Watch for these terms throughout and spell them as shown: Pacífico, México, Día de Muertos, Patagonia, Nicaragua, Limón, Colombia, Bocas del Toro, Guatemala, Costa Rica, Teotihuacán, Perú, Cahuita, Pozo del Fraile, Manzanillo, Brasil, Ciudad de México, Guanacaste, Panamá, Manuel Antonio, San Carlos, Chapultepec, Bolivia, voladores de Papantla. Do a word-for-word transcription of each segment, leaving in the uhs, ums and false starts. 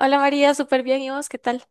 Hola María, súper bien. ¿Y vos qué tal?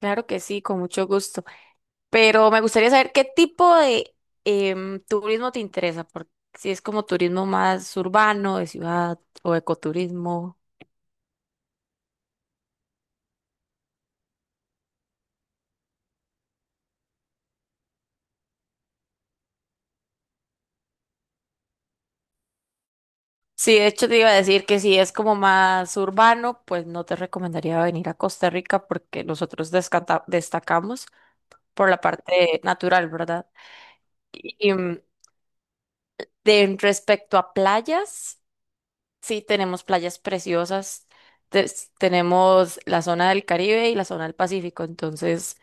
Claro que sí, con mucho gusto. Pero me gustaría saber qué tipo de em, turismo te interesa, porque si es como turismo más urbano, de ciudad o ecoturismo. Sí, de hecho te iba a decir que si es como más urbano, pues no te recomendaría venir a Costa Rica porque nosotros descata- destacamos por la parte natural, ¿verdad? Y, em, de respecto a playas. Sí, tenemos playas preciosas, tes- tenemos la zona del Caribe y la zona del Pacífico. Entonces,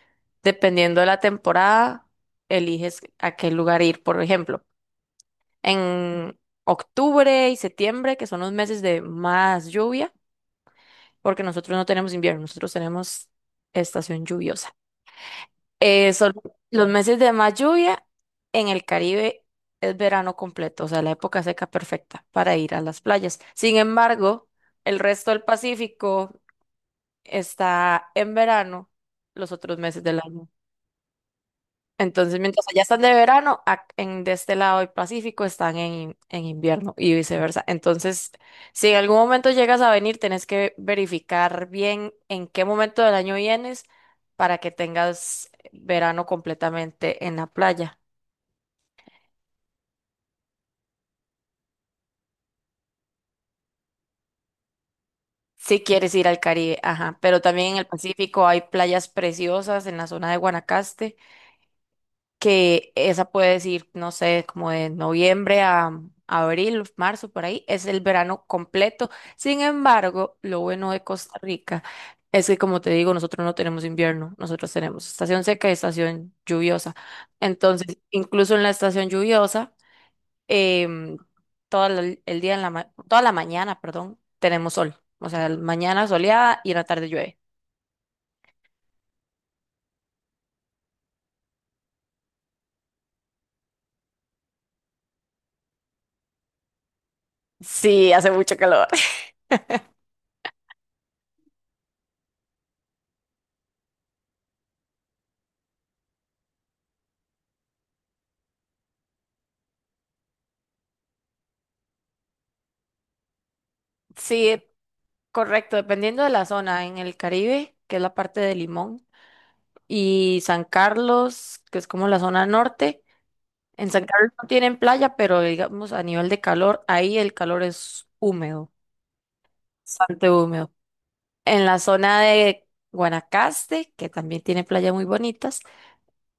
dependiendo de la temporada, eliges a qué lugar ir. Por ejemplo, en octubre y septiembre, que son los meses de más lluvia, porque nosotros no tenemos invierno, nosotros tenemos estación lluviosa. Eh, solo los meses de más lluvia en el Caribe es verano completo, o sea, la época seca perfecta para ir a las playas. Sin embargo, el resto del Pacífico está en verano los otros meses del año. Entonces, mientras allá están de verano, ac- en, de este lado del Pacífico están en, en invierno y viceversa. Entonces, si en algún momento llegas a venir, tenés que verificar bien en qué momento del año vienes para que tengas verano completamente en la playa. Si quieres ir al Caribe, ajá, pero también en el Pacífico hay playas preciosas en la zona de Guanacaste. Que esa puede decir, no sé, como de noviembre a abril, marzo, por ahí, es el verano completo. Sin embargo, lo bueno de Costa Rica es que, como te digo, nosotros no tenemos invierno, nosotros tenemos estación seca y estación lluviosa. Entonces, incluso en la estación lluviosa, em, todo el, el día, en la ma- toda la mañana, perdón, tenemos sol. O sea, mañana soleada y en la tarde llueve. Sí, hace mucho calor. Sí, correcto, dependiendo de la zona, en el Caribe, que es la parte de Limón, y San Carlos, que es como la zona norte. En San Carlos no tienen playa, pero digamos a nivel de calor, ahí el calor es húmedo, bastante húmedo. En la zona de Guanacaste, que también tiene playas muy bonitas,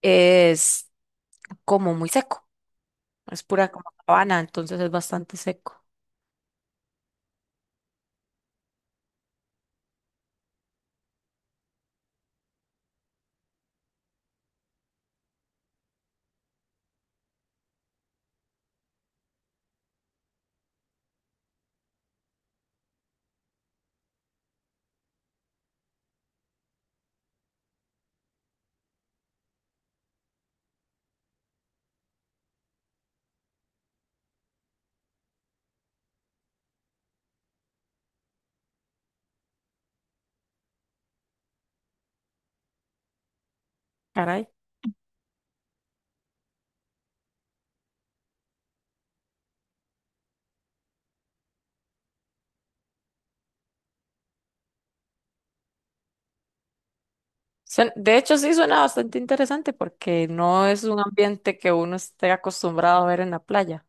es como muy seco, es pura como sabana, entonces es bastante seco. Caray. Suen- De hecho, sí suena bastante interesante porque no es un ambiente que uno esté acostumbrado a ver en la playa.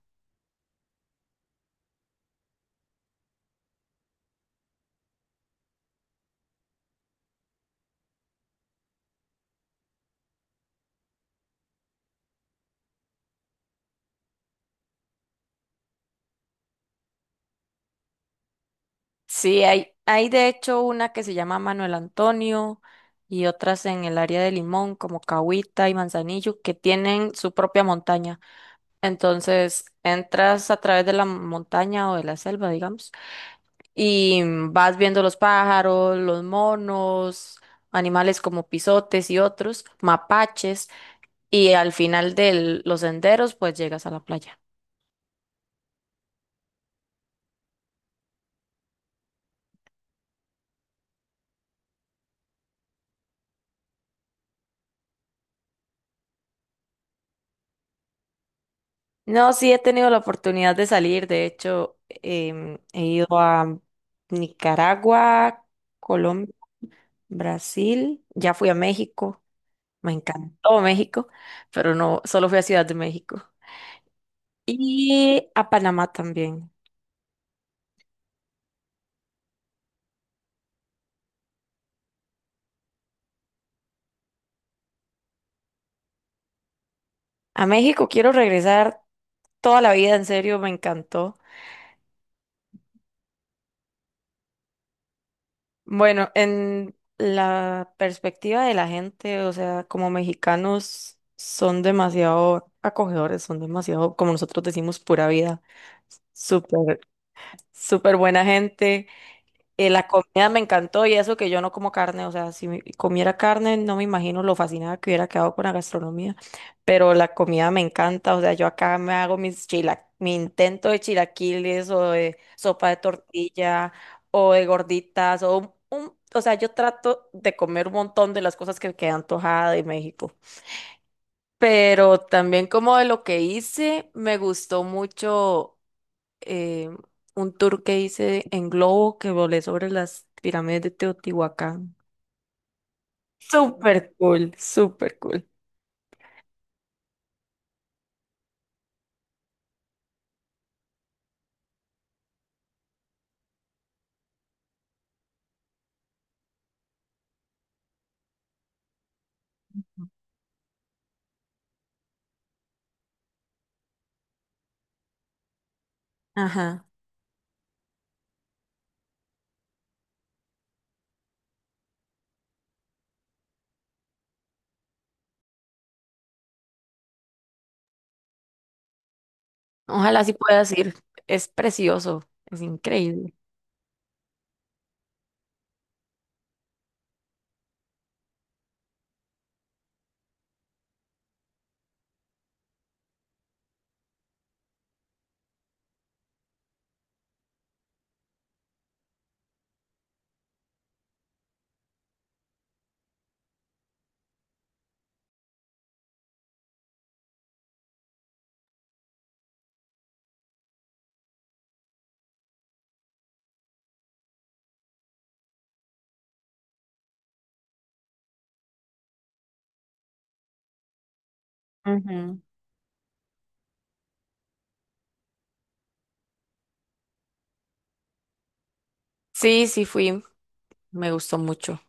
Sí, hay, hay de hecho una que se llama Manuel Antonio y otras en el área de Limón, como Cahuita y Manzanillo, que tienen su propia montaña. Entonces, entras a través de la montaña o de la selva, digamos, y vas viendo los pájaros, los monos, animales como pisotes y otros, mapaches. Y al final de los senderos pues llegas a la playa. No, sí he tenido la oportunidad de salir, de hecho em, he ido a Nicaragua, Colombia, Brasil, ya fui a México, me encantó México, pero no, solo fui a Ciudad de México y a Panamá también. A México quiero regresar toda la vida, en serio, me encantó. Bueno, en la perspectiva de la gente, o sea, como mexicanos son demasiado acogedores, son demasiado, como nosotros decimos, pura vida, súper, súper buena gente. Eh, la comida me encantó y eso que yo no como carne, o sea, si me- comiera carne no me imagino lo fascinada que hubiera quedado con la gastronomía, pero la comida me encanta. O sea, yo acá me hago mis chila, mi intento de chilaquiles o de sopa de tortilla o de gorditas o un, un- o sea, yo trato de comer un montón de las cosas que me quedan antojada de México, pero también como de lo que hice, me gustó mucho eh, un tour que hice en globo que volé sobre las pirámides de Teotihuacán. Súper cool, súper cool. Ajá. Ojalá sí puedas ir. Es precioso, es increíble. Ujú. Sí, sí fui. Me gustó mucho.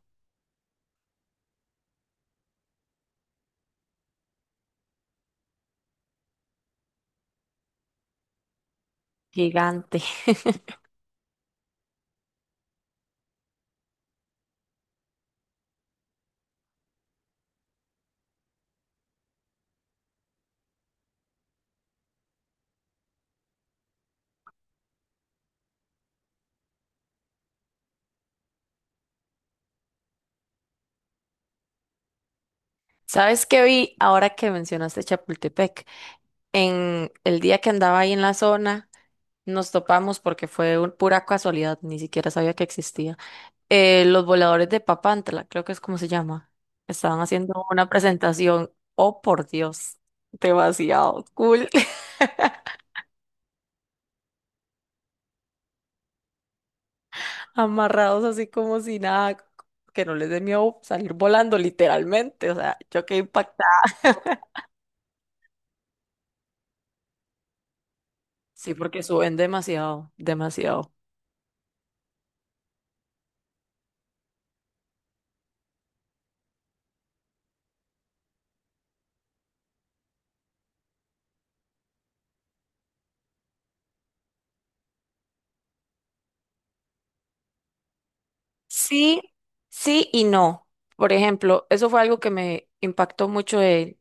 Gigante. ¿Sabes qué vi ahora que mencionaste Chapultepec? En el día que andaba ahí en la zona, nos topamos porque fue un- pura casualidad, ni siquiera sabía que existía. Eh, los voladores de Papantla, creo que es como se llama. Estaban haciendo una presentación. Oh, por Dios, demasiado cool. Amarrados así como si nada, que no les dé miedo salir volando literalmente. O sea, yo quedé impactada. Sí, porque suben demasiado, demasiado. Sí, sí y no. Por ejemplo, eso fue algo que me impactó mucho de,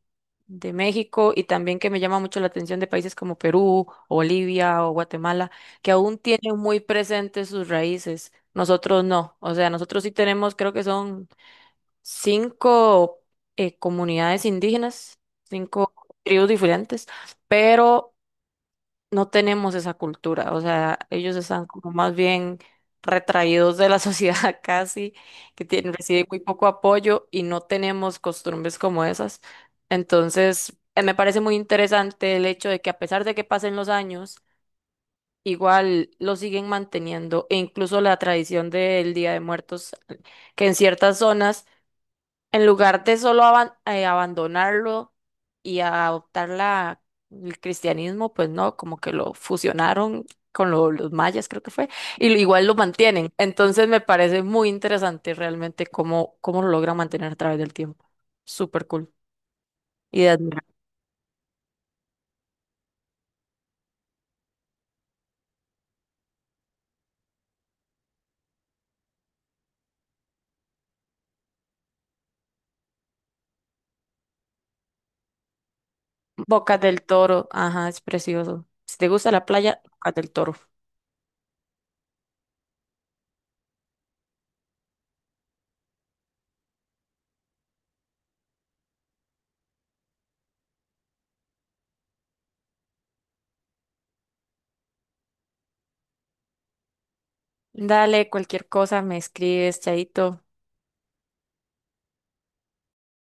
de México y también que me llama mucho la atención de países como Perú, o Bolivia o Guatemala, que aún tienen muy presentes sus raíces. Nosotros no. O sea, nosotros sí tenemos, creo que son cinco eh, comunidades indígenas, cinco tribus diferentes, pero no tenemos esa cultura, o sea, ellos están como más bien retraídos de la sociedad casi, que tienen, reciben muy poco apoyo y no tenemos costumbres como esas. Entonces, eh, me parece muy interesante el hecho de que a pesar de que pasen los años, igual lo siguen manteniendo e incluso la tradición del Día de Muertos, que en ciertas zonas en lugar de solo aban- eh, abandonarlo y adoptar la, el cristianismo, pues no, como que lo fusionaron con lo- los mayas, creo que fue, y lo- igual lo mantienen. Entonces me parece muy interesante realmente cómo, cómo lo logran mantener a través del tiempo. Súper cool. Y de admirar. Bocas del Toro, ajá, es precioso. Si te gusta la playa, Bocas del Toro. Dale, cualquier cosa, me escribes, chaito.